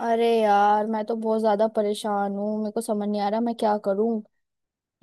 अरे यार, मैं तो बहुत ज्यादा परेशान हूँ। मेरे को समझ नहीं आ रहा मैं क्या करूँ।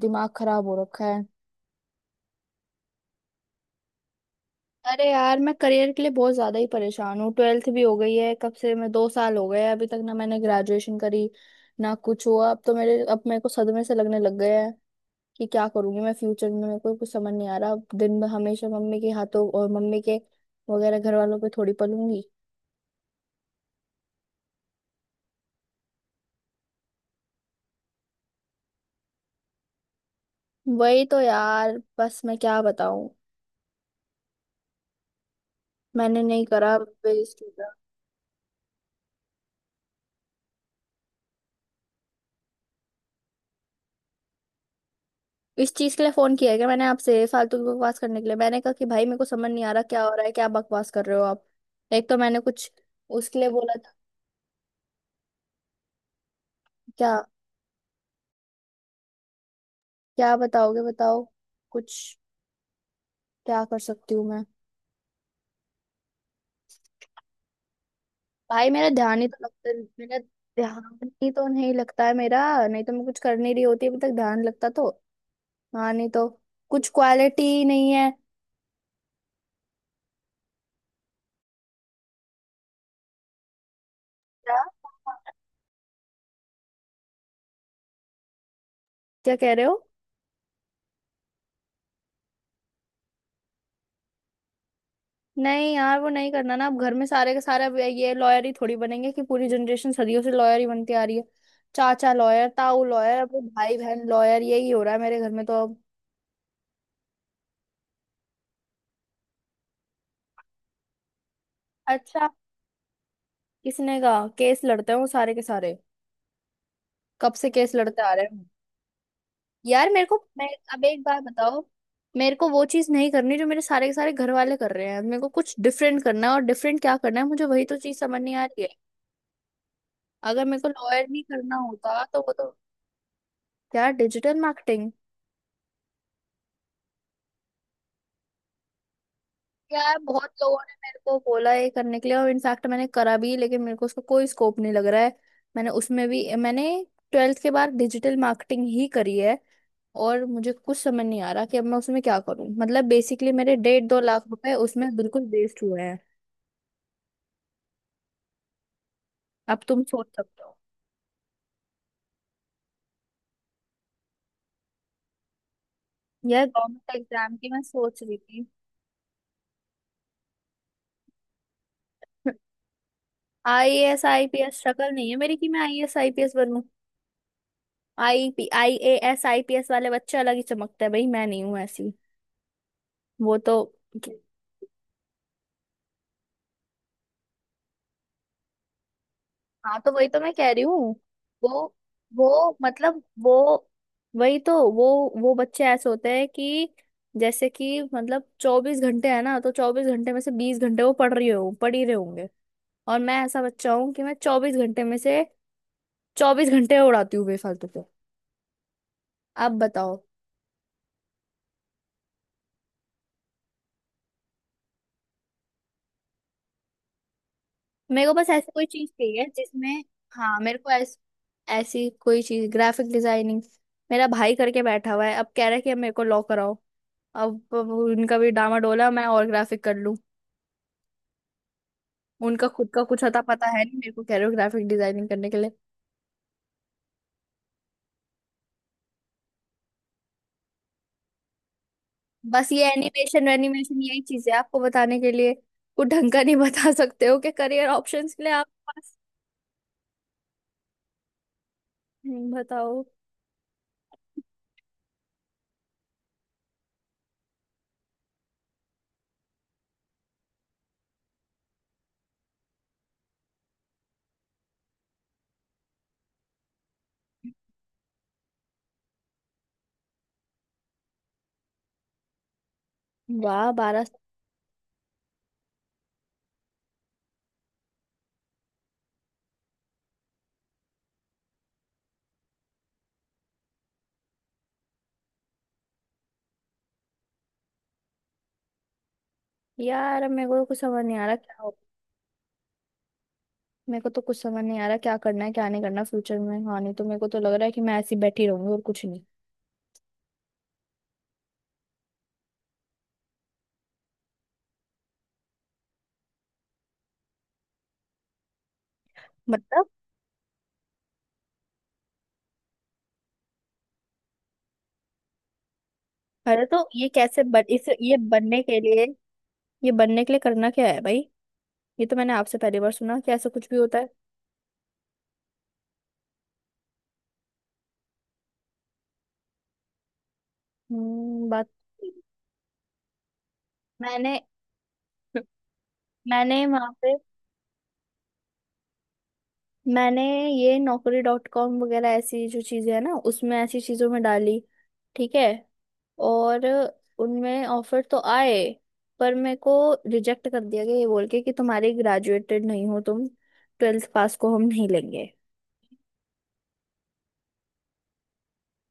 दिमाग खराब हो रखा है। अरे यार, मैं करियर के लिए बहुत ज्यादा ही परेशान हूँ। ट्वेल्थ भी हो गई है कब से, मैं 2 साल हो गए हैं, अभी तक ना मैंने ग्रेजुएशन करी ना कुछ हुआ। अब तो मेरे को सदमे से लगने लग गया है कि क्या करूंगी मैं फ्यूचर में। मेरे को कुछ समझ नहीं आ रहा। अब दिन में हमेशा मम्मी के हाथों और मम्मी के वगैरह घर वालों पे थोड़ी पलूंगी। वही तो यार, बस मैं क्या बताऊं, मैंने नहीं करा। इस चीज के लिए फोन किया है क्या मैंने आपसे, फालतू की बकवास करने के लिए? मैंने कहा कि भाई मेरे को समझ नहीं आ रहा क्या हो रहा है। क्या बकवास कर रहे हो आप? एक तो मैंने कुछ उसके लिए बोला था। क्या? क्या बताओगे? बताओ कुछ। क्या कर सकती हूँ मैं? भाई मेरा ध्यान ही तो नहीं लगता है मेरा। नहीं तो मैं कुछ कर नहीं रही होती अभी तक, ध्यान लगता तो। हाँ, नहीं तो कुछ क्वालिटी नहीं है। क्या? क्या कह रहे हो? नहीं यार, वो नहीं करना ना। अब घर में सारे के सारे अब ये लॉयर ही थोड़ी बनेंगे कि पूरी जनरेशन सदियों से लॉयर ही बनती आ रही है। चाचा लॉयर, ताऊ लॉयर, अब वो भाई बहन लॉयर, यही हो रहा है मेरे घर में तो अब। अच्छा? किसने कहा केस लड़ते हैं वो सारे के सारे? कब से केस लड़ते आ रहे हैं? यार मेरे को मैं अब एक बार बताओ, मेरे को वो चीज नहीं करनी जो मेरे सारे के सारे घर वाले कर रहे हैं। मेरे को कुछ डिफरेंट करना है। और डिफरेंट क्या करना है, मुझे वही तो चीज समझ नहीं आ रही है। अगर मेरे को लॉयर नहीं करना होता तो वो तो। क्या? Digital marketing? यार बहुत लोगों ने मेरे को बोला ये करने के लिए, और इनफैक्ट मैंने करा भी, लेकिन मेरे को उसका कोई स्कोप नहीं लग रहा है। मैंने उसमें भी मैंने ट्वेल्थ के बाद डिजिटल मार्केटिंग ही करी है। और मुझे कुछ समझ नहीं आ रहा कि अब मैं उसमें क्या करूं। मतलब बेसिकली मेरे 1.5-2 लाख रुपए उसमें बिल्कुल वेस्ट हुए हैं। अब तुम सोच सकते हो। यह गवर्नमेंट एग्जाम की मैं सोच रही थी। आईएएस आईपीएस शक्ल नहीं है मेरी कि मैं आईएएस आईपीएस बनूं। आईपी आईएएस आईपीएस वाले बच्चे अलग ही चमकते हैं भाई। मैं नहीं हूं ऐसी। वो तो। हाँ तो वही तो मैं कह रही हूँ। वो वो मतलब वो वही तो वो बच्चे ऐसे होते हैं कि जैसे कि मतलब 24 घंटे है ना, तो 24 घंटे में से 20 घंटे वो पढ़ रही हो पढ़ ही रहे होंगे। और मैं ऐसा बच्चा हूँ कि मैं 24 घंटे में से 24 घंटे उड़ाती हूँ बेफालतू के। अब बताओ। मेरे को बस ऐसी कोई चीज चाहिए जिसमें। हाँ, मेरे को ऐसी कोई चीज, ग्राफिक डिजाइनिंग। मेरा भाई करके बैठा हुआ है, अब कह रहा है कि अब मेरे को लॉ कराओ। अब उनका भी डामाडोला, मैं और ग्राफिक कर लूं। उनका खुद का कुछ अता पता है नहीं, मेरे को कह रहे हो ग्राफिक डिजाइनिंग करने के लिए। बस ये एनिमेशन वेनिमेशन यही चीज है आपको बताने के लिए। कुछ ढंग का नहीं बता सकते हो कि करियर ऑप्शंस के लिए आपके पास? बताओ। वाह! 12 साल? यार मेरे को तो कुछ समझ नहीं आ रहा क्या हो। मेरे को तो कुछ समझ नहीं आ रहा क्या करना है क्या नहीं करना फ्यूचर में। हाँ, नहीं तो मेरे को तो लग रहा है कि मैं ऐसी बैठी रहूंगी और कुछ नहीं। मतलब। अरे, तो ये कैसे बन इस ये बनने के लिए करना क्या है भाई? ये तो मैंने आपसे पहली बार सुना कि ऐसा कुछ भी होता है। हम्म, बात। मैंने मैंने वहां पे मैंने ये Naukri.com वगैरह ऐसी जो चीजें है ना, उसमें ऐसी चीजों में डाली। ठीक है। और उनमें ऑफर तो आए, पर मेरे को रिजेक्ट कर दिया गया ये बोल के कि तुम्हारे ग्रेजुएटेड नहीं हो तुम, ट्वेल्थ पास को हम नहीं लेंगे।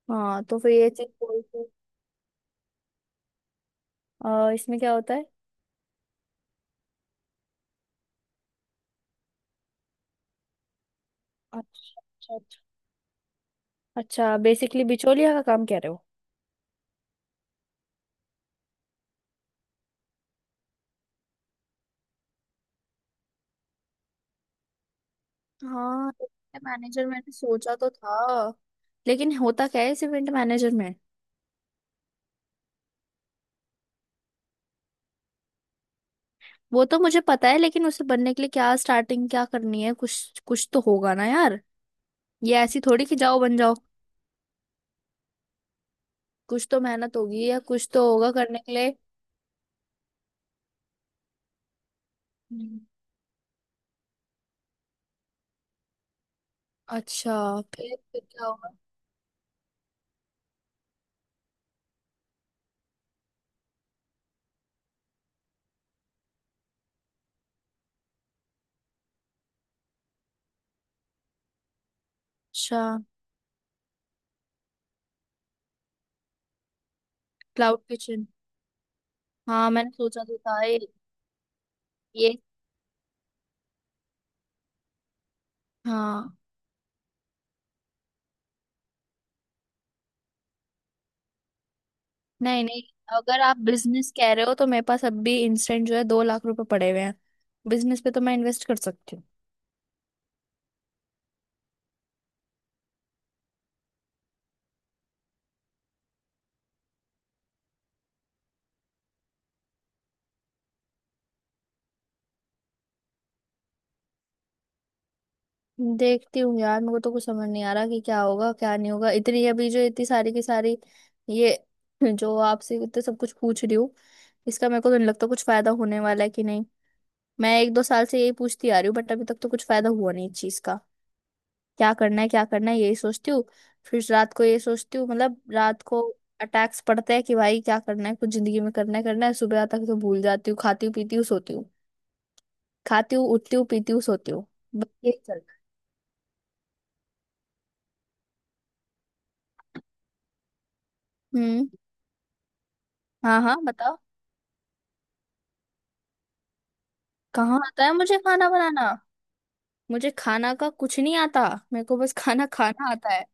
हाँ, तो फिर ये चीज बोल के। इसमें क्या होता है? अच्छा, अच्छा, अच्छा। अच्छा, बेसिकली बिचौलिया का काम कह रहे हो? हाँ, इवेंट मैनेजर मैंने सोचा तो था। लेकिन होता क्या है इस इवेंट मैनेजर में? वो तो मुझे पता है, लेकिन उसे बनने के लिए क्या स्टार्टिंग क्या करनी है? कुछ कुछ तो होगा ना यार। ये ऐसी थोड़ी कि जाओ बन जाओ। कुछ तो मेहनत होगी, या कुछ तो होगा करने के लिए। हम्म। अच्छा। फिर क्या होगा? अच्छा। Cloud kitchen? हाँ, मैंने सोचा तो था ये। हाँ। नहीं, नहीं। अगर आप बिजनेस कह रहे हो तो मेरे पास अब भी इंस्टेंट जो है 2 लाख रुपए पड़े हुए हैं। बिजनेस पे तो मैं इन्वेस्ट कर सकती हूँ। देखती हूँ यार, मेरे को तो कुछ समझ नहीं आ रहा कि क्या होगा क्या नहीं होगा। इतनी, अभी जो इतनी सारी की सारी ये जो आपसे इतना सब कुछ पूछ रही हूँ, इसका मेरे को तो नहीं लगता कुछ फायदा होने वाला है कि नहीं। मैं एक दो साल से यही पूछती आ रही हूँ, बट अभी तक तो कुछ फायदा हुआ नहीं इस चीज का। क्या करना है यही सोचती हूँ। फिर रात को ये सोचती हूँ, मतलब रात को अटैक्स पड़ते हैं कि भाई क्या करना है, कुछ जिंदगी में करना है करना है। सुबह तक तो भूल जाती हूँ। खाती हूँ पीती हूँ सोती हूँ। खाती हूँ उठती हूँ पीती हूँ सोती हूँ। बस यही चल। हम्म। हाँ, हाँ, बताओ। कहाँ आता है मुझे खाना बनाना? मुझे खाना का कुछ नहीं आता। मेरे को बस खाना खाना आता है।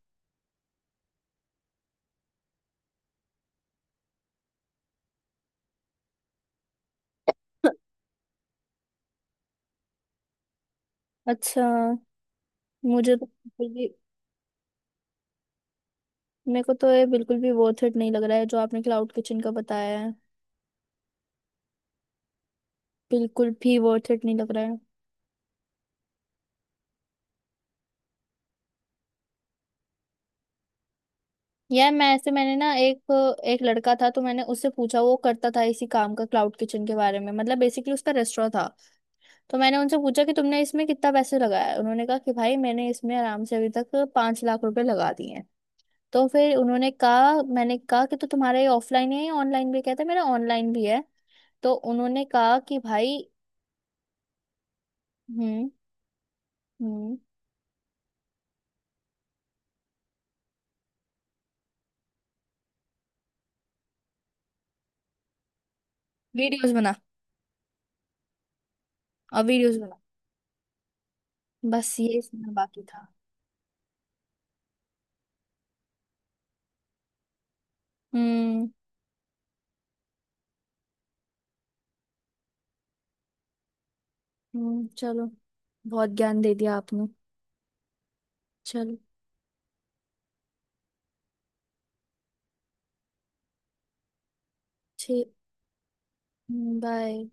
अच्छा। मुझे तो बिल्कुल भी। मेरे को तो ये बिल्कुल भी वर्थ इट नहीं लग रहा है जो आपने क्लाउड किचन का बताया है। बिल्कुल भी वर्थ इट नहीं लग रहा है। यार, मैंने ना एक एक लड़का था, तो मैंने उससे पूछा, वो करता था इसी काम का, क्लाउड किचन के बारे में। मतलब बेसिकली उसका रेस्टोरेंट था। तो मैंने उनसे पूछा कि तुमने इसमें कितना पैसे लगाया है? उन्होंने कहा कि भाई मैंने इसमें आराम से अभी तक 5 लाख रुपए लगा दिए हैं। तो फिर उन्होंने कहा मैंने कहा कि तो तुम्हारा ये ऑफलाइन है या ऑनलाइन? भी कहते मेरा ऑनलाइन भी है। तो उन्होंने कहा कि भाई। हम्म, हम्म। वीडियोस बना, और वीडियोस बना। बस ये सुनना बाकी था। हम्म, हम्म, चलो। बहुत ज्ञान दे दिया आपने। चलो। ठीक। Bye,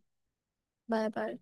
bye, bye.